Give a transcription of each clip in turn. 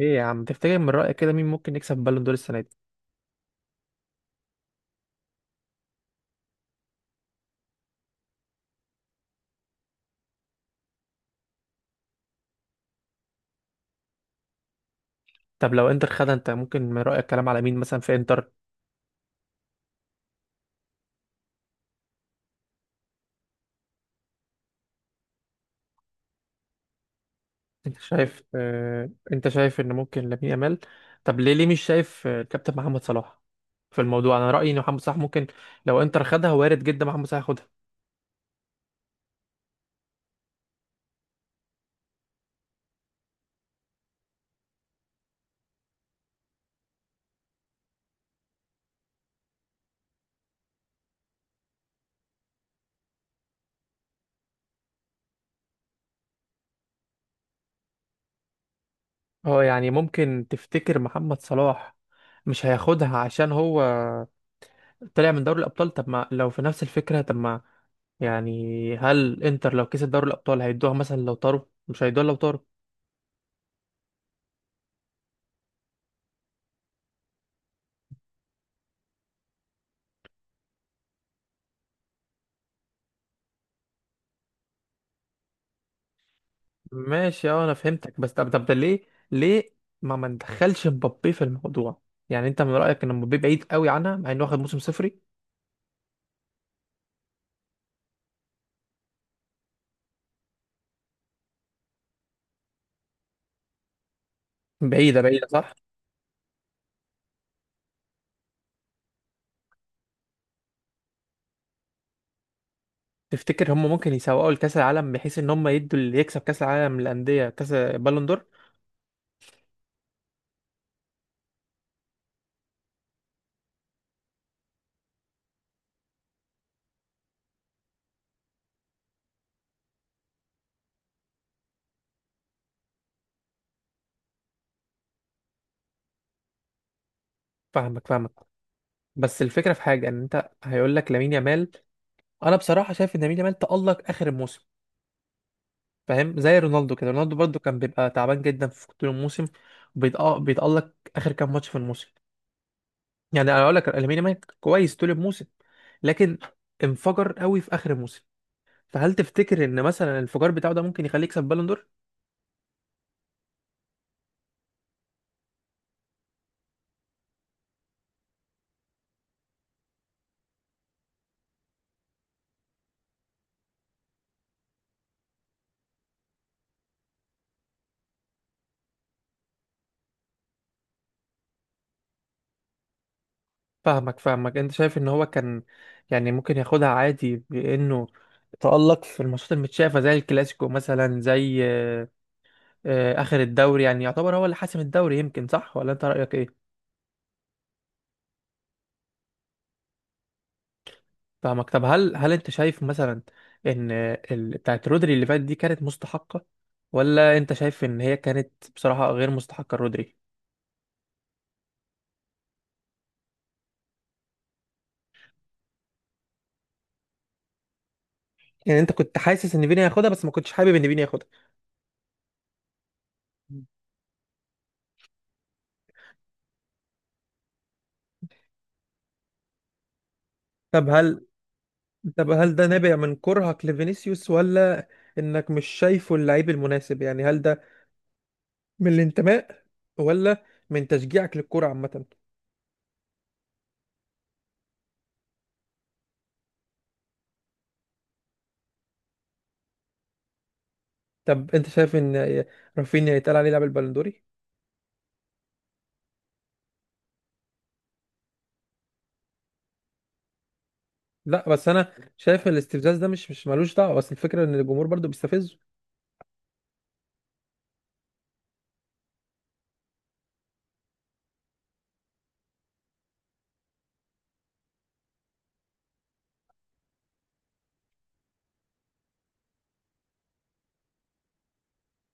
ايه يا عم، تفتكر من رأيك كده مين ممكن يكسب بالون دور السنة دي؟ طب لو انتر خدها، انت ممكن من رأيك كلام على مين مثلا في انتر؟ انت شايف انت شايف ان ممكن لامين يامال؟ طب ليه؟ ليه مش شايف الكابتن محمد صلاح في الموضوع؟ انا رأيي ان محمد صلاح ممكن لو انتر خدها، وارد جدا محمد صلاح ياخدها. اه يعني ممكن تفتكر محمد صلاح مش هياخدها عشان هو طلع من دوري الأبطال؟ طب ما لو في نفس الفكرة، طب ما هل انتر لو كسب دوري الأبطال هيدوها؟ مثلا لو طاروا مش هيدوها؟ لو طاروا ماشي. اه انا فهمتك، بس طب ده ليه؟ ليه ما ندخلش مبابي في الموضوع؟ يعني انت من رايك ان مبابي بعيد قوي عنها مع انه واخد موسم صفري؟ بعيده، بعيده، صح. تفتكر هم ممكن يسوقوا لكاس العالم بحيث ان هم يدوا اللي يكسب كاس العالم للانديه كاس بالون دور؟ فاهمك. بس الفكره في حاجه، ان انت هيقول لك لامين يامال. انا بصراحه شايف ان لامين يامال تالق اخر الموسم. فاهم زي رونالدو كده؟ رونالدو برضو كان بيبقى تعبان جدا في طول الموسم، بيتالق اخر كام ماتش في الموسم. يعني انا اقول لك لامين يامال كويس طول الموسم، لكن انفجر قوي في اخر الموسم. فهل تفتكر ان مثلا الانفجار بتاعه ده ممكن يخليه يكسب بالون دور؟ فاهمك. انت شايف ان هو كان يعني ممكن ياخدها عادي بانه تألق في الماتشات المتشافة، زي الكلاسيكو مثلا، زي اخر الدوري؟ يعني يعتبر هو اللي حاسم الدوري، يمكن صح؟ ولا انت رأيك ايه؟ فاهمك. طب هل انت شايف مثلا ان بتاعت رودري اللي فاتت دي كانت مستحقة، ولا انت شايف ان هي كانت بصراحة غير مستحقة رودري؟ يعني انت كنت حاسس ان فيني هياخدها بس ما كنتش حابب ان فيني ياخدها؟ طب هل، طب هل ده نابع من كرهك لفينيسيوس، ولا انك مش شايفه اللعيب المناسب؟ يعني هل ده من الانتماء، ولا من تشجيعك للكرة عامة؟ طب انت شايف ان رافينيا يتقال عليه لاعب البالندوري؟ لا، بس انا شايف الاستفزاز ده مش، مش ملوش دعوة. بس الفكرة ان الجمهور برضو بيستفزه.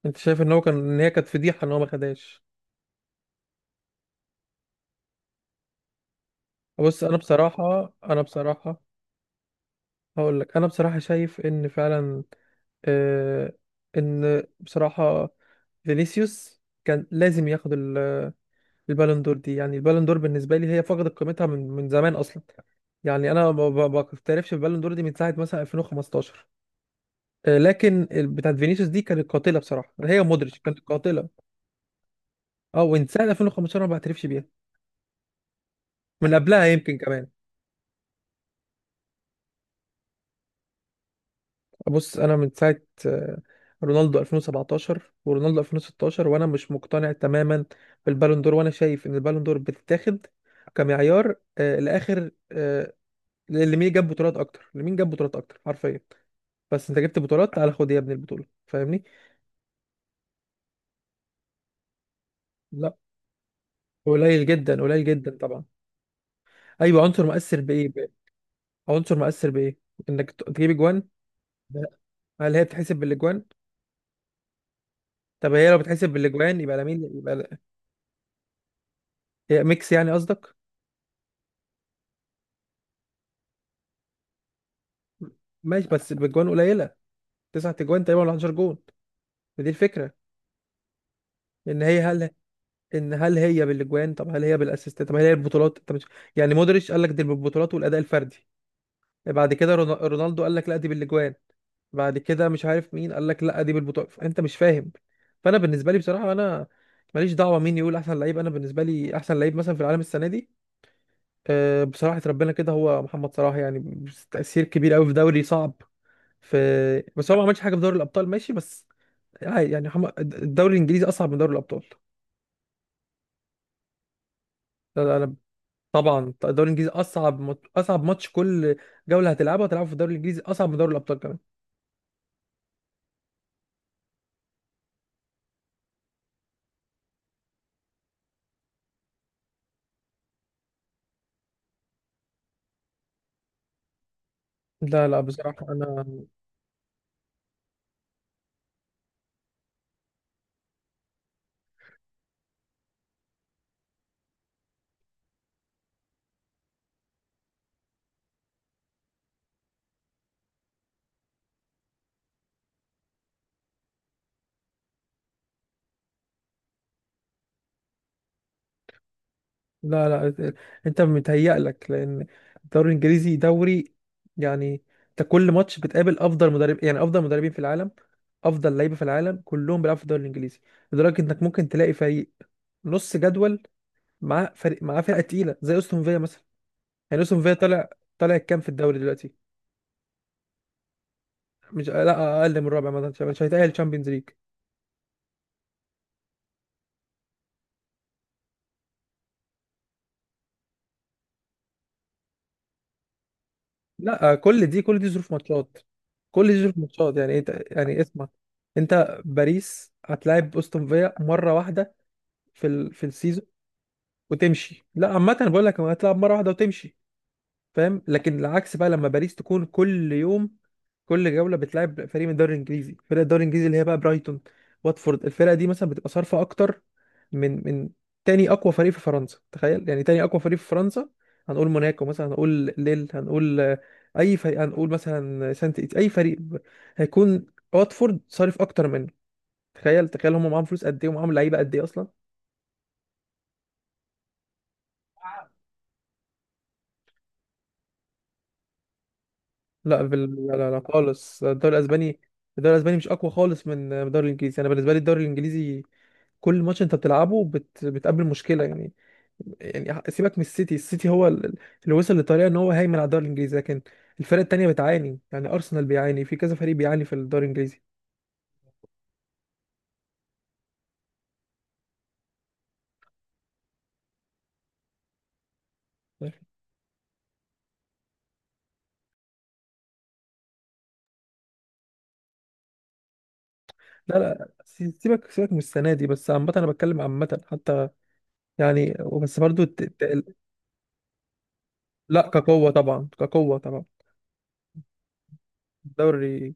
انت شايف ان هو كان، ان هي كانت فضيحة ان هو ما خدهاش؟ بص انا بصراحة هقول لك، انا بصراحه شايف ان فعلا، آه ان بصراحه فينيسيوس كان لازم ياخد البالون دور دي. يعني البالون دور بالنسبه لي هي فقدت قيمتها من زمان اصلا. يعني انا ما بعترفش بالبالون دور دي من ساعه مثلا 2015. لكن بتاعت فينيسيوس دي كانت قاتله بصراحه، هي مودريتش كانت قاتله. اه، ومن ساعه 2015 انا ما بعترفش بيها، من قبلها يمكن كمان. بص انا من ساعه رونالدو 2017 ورونالدو 2016 وانا مش مقتنع تماما بالبالون دور. وانا شايف ان البالون دور بتتاخد كمعيار لاخر لمين جاب بطولات اكتر، لمين جاب بطولات اكتر حرفيا. بس انت جبت بطولات، تعالى خد يا ابني البطوله، فاهمني؟ لا، قليل جدا، قليل جدا طبعا. ايوه، عنصر مؤثر بايه بقى؟ عنصر مؤثر بايه؟ انك تجيب اجوان؟ لا. هل هي بتحسب بالاجوان؟ طب هي لو بتحسب بالاجوان يبقى لمين؟ يبقى هي ميكس يعني قصدك؟ ماشي، بس بجوان قليله، تسعة اجوان تقريبا ولا 11 جون؟ ما دي الفكره، ان هي هل ان هل هي بالاجوان؟ طب هل هي بالاسيستات؟ طب هل هي البطولات؟ طب مش... يعني مودريتش قال لك دي بالبطولات والاداء الفردي، بعد كده رونالدو قال لك لا دي بالاجوان، بعد كده مش عارف مين قال لك لا دي بالبطولات. انت مش فاهم. فانا بالنسبه لي بصراحه، انا ماليش دعوه مين يقول احسن لعيب. انا بالنسبه لي احسن لعيب مثلا في العالم السنه دي، أه بصراحه ربنا، كده هو محمد صلاح. يعني تاثير كبير قوي في دوري صعب في، بس هو ما عملش حاجه في دوري الابطال ماشي. بس هاي يعني، الدوري الانجليزي اصعب من دوري الابطال. لا، طبعا الدوري الانجليزي اصعب، اصعب ماتش كل جوله هتلعبها، هتلعبه في الدوري الانجليزي اصعب من دوري الابطال كمان. لا بصراحه، انا لا انت متهيألك لان الدوري الانجليزي دوري، يعني انت كل ماتش بتقابل افضل مدرب، يعني افضل مدربين في العالم، افضل لعيبه في العالم كلهم بيلعبوا في الدوري الانجليزي. لدرجه انك ممكن تلاقي فريق نص جدول معاه فريق، معاه فرقه تقيله زي استون فيا مثلا. يعني استون فيا طالع، طالع كام في الدوري دلوقتي؟ مش لا، اقل من الرابع مثلا، مش هيتأهل تشامبيونز ليج. لا، كل دي ظروف ماتشات، كل دي ظروف ماتشات. يعني انت، يعني اسمع، انت باريس هتلاعب استون فيا مره واحده في في السيزون وتمشي. لا، عامه بقول لك هتلاعب مره واحده وتمشي، فاهم؟ لكن العكس بقى، لما باريس تكون كل يوم كل جولة بتلعب فريق من الدوري الانجليزي. فرق الدوري الانجليزي اللي هي بقى برايتون، واتفورد، الفرقة دي مثلا بتبقى صارفة اكتر من تاني اقوى فريق في فرنسا. تخيل، يعني تاني اقوى فريق في فرنسا، هنقول موناكو مثلا، هنقول ليل، هنقول اي فريق، هنقول مثلا اي فريق هيكون واتفورد صارف اكتر منه. تخيل، تخيل هم معاهم فلوس قد ايه، ومعاهم لعيبة قد ايه اصلا. لا لا خالص الدوري الاسباني، الدوري الاسباني مش اقوى خالص من الدوري الانجليزي. انا بالنسبه لي الدوري الانجليزي كل ماتش انت بتلعبه بتقابل مشكله. يعني، يعني سيبك من السيتي. السيتي هو اللي وصل للطريقه ان هو هيمن على الدوري الانجليزي، لكن الفرق التانيه بتعاني. يعني ارسنال بيعاني، في كذا فريق بيعاني في الدوري الانجليزي. لا سيبك، سيبك من السنه دي، بس عامه انا بتكلم عامه حتى، يعني. بس برضو لا كقوه طبعا، كقوه طبعا. الدوري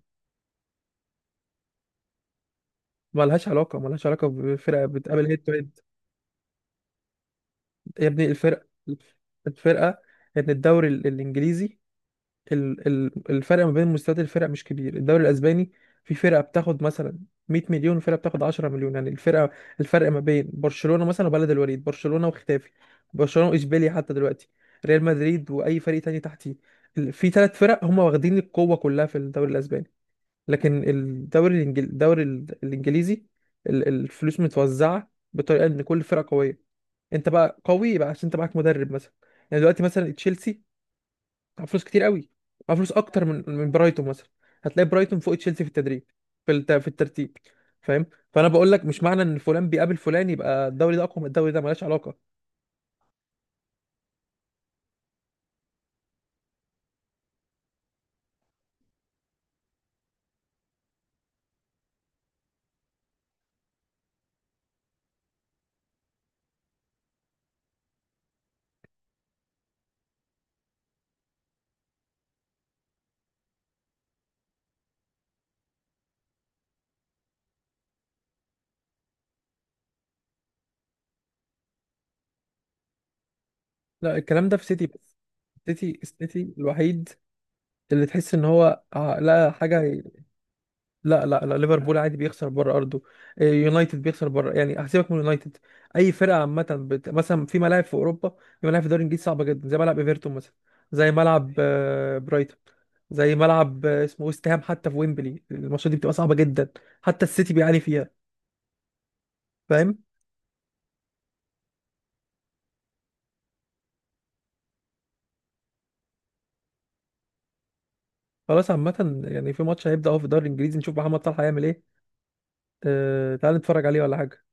ملهاش علاقه، ملهاش علاقه بفرقه بتقابل هيد تو هيد. يا ابني الفرق، الفرقة ان الدوري الانجليزي، الفرق ما بين مستويات الفرق مش كبير. الدوري الاسباني في فرقة بتاخد مثلا 100 مليون وفرقة بتاخد 10 مليون، يعني الفرقة، الفرق ما بين برشلونة مثلا وبلد الوليد، برشلونة وختافي، برشلونة واشبيليا حتى دلوقتي، ريال مدريد واي فريق تاني تحتيه. في ثلاث فرق هم واخدين القوة كلها في الدوري الاسباني. لكن الدوري الدوري الانجليزي، الفلوس متوزعة بطريقة ان كل فرقة قوية. انت بقى قوي بقى عشان انت معاك مدرب مثلا. يعني دلوقتي مثلا تشيلسي معاه فلوس كتير قوي، معاه فلوس اكتر من برايتون مثلا. هتلاقي برايتون فوق تشيلسي في التدريب، في في الترتيب. فاهم؟ فانا بقول لك مش معنى ان فلان بيقابل فلان يبقى الدوري ده اقوى من الدوري ده. ملهاش علاقه. لا، الكلام ده في سيتي بس. سيتي، سيتي الوحيد اللي تحس ان هو لا حاجه. لا، ليفربول عادي بيخسر بره ارضه، إيه، يونايتد بيخسر بره. يعني هسيبك من يونايتد، اي فرقه عامه مثلا، في ملاعب في اوروبا، في ملاعب في الدوري الانجليزي صعبه جدا، زي ملعب ايفرتون مثلا، زي ملعب برايتون، زي ملعب اسمه ويست هام، حتى في ويمبلي. الماتشات دي بتبقى صعبه جدا، حتى السيتي بيعاني فيها، فاهم؟ خلاص، عامه يعني في ماتش هيبدا اهو في الدوري الانجليزي، نشوف محمد صلاح هيعمل ايه. أه... تعال نتفرج عليه ولا حاجه.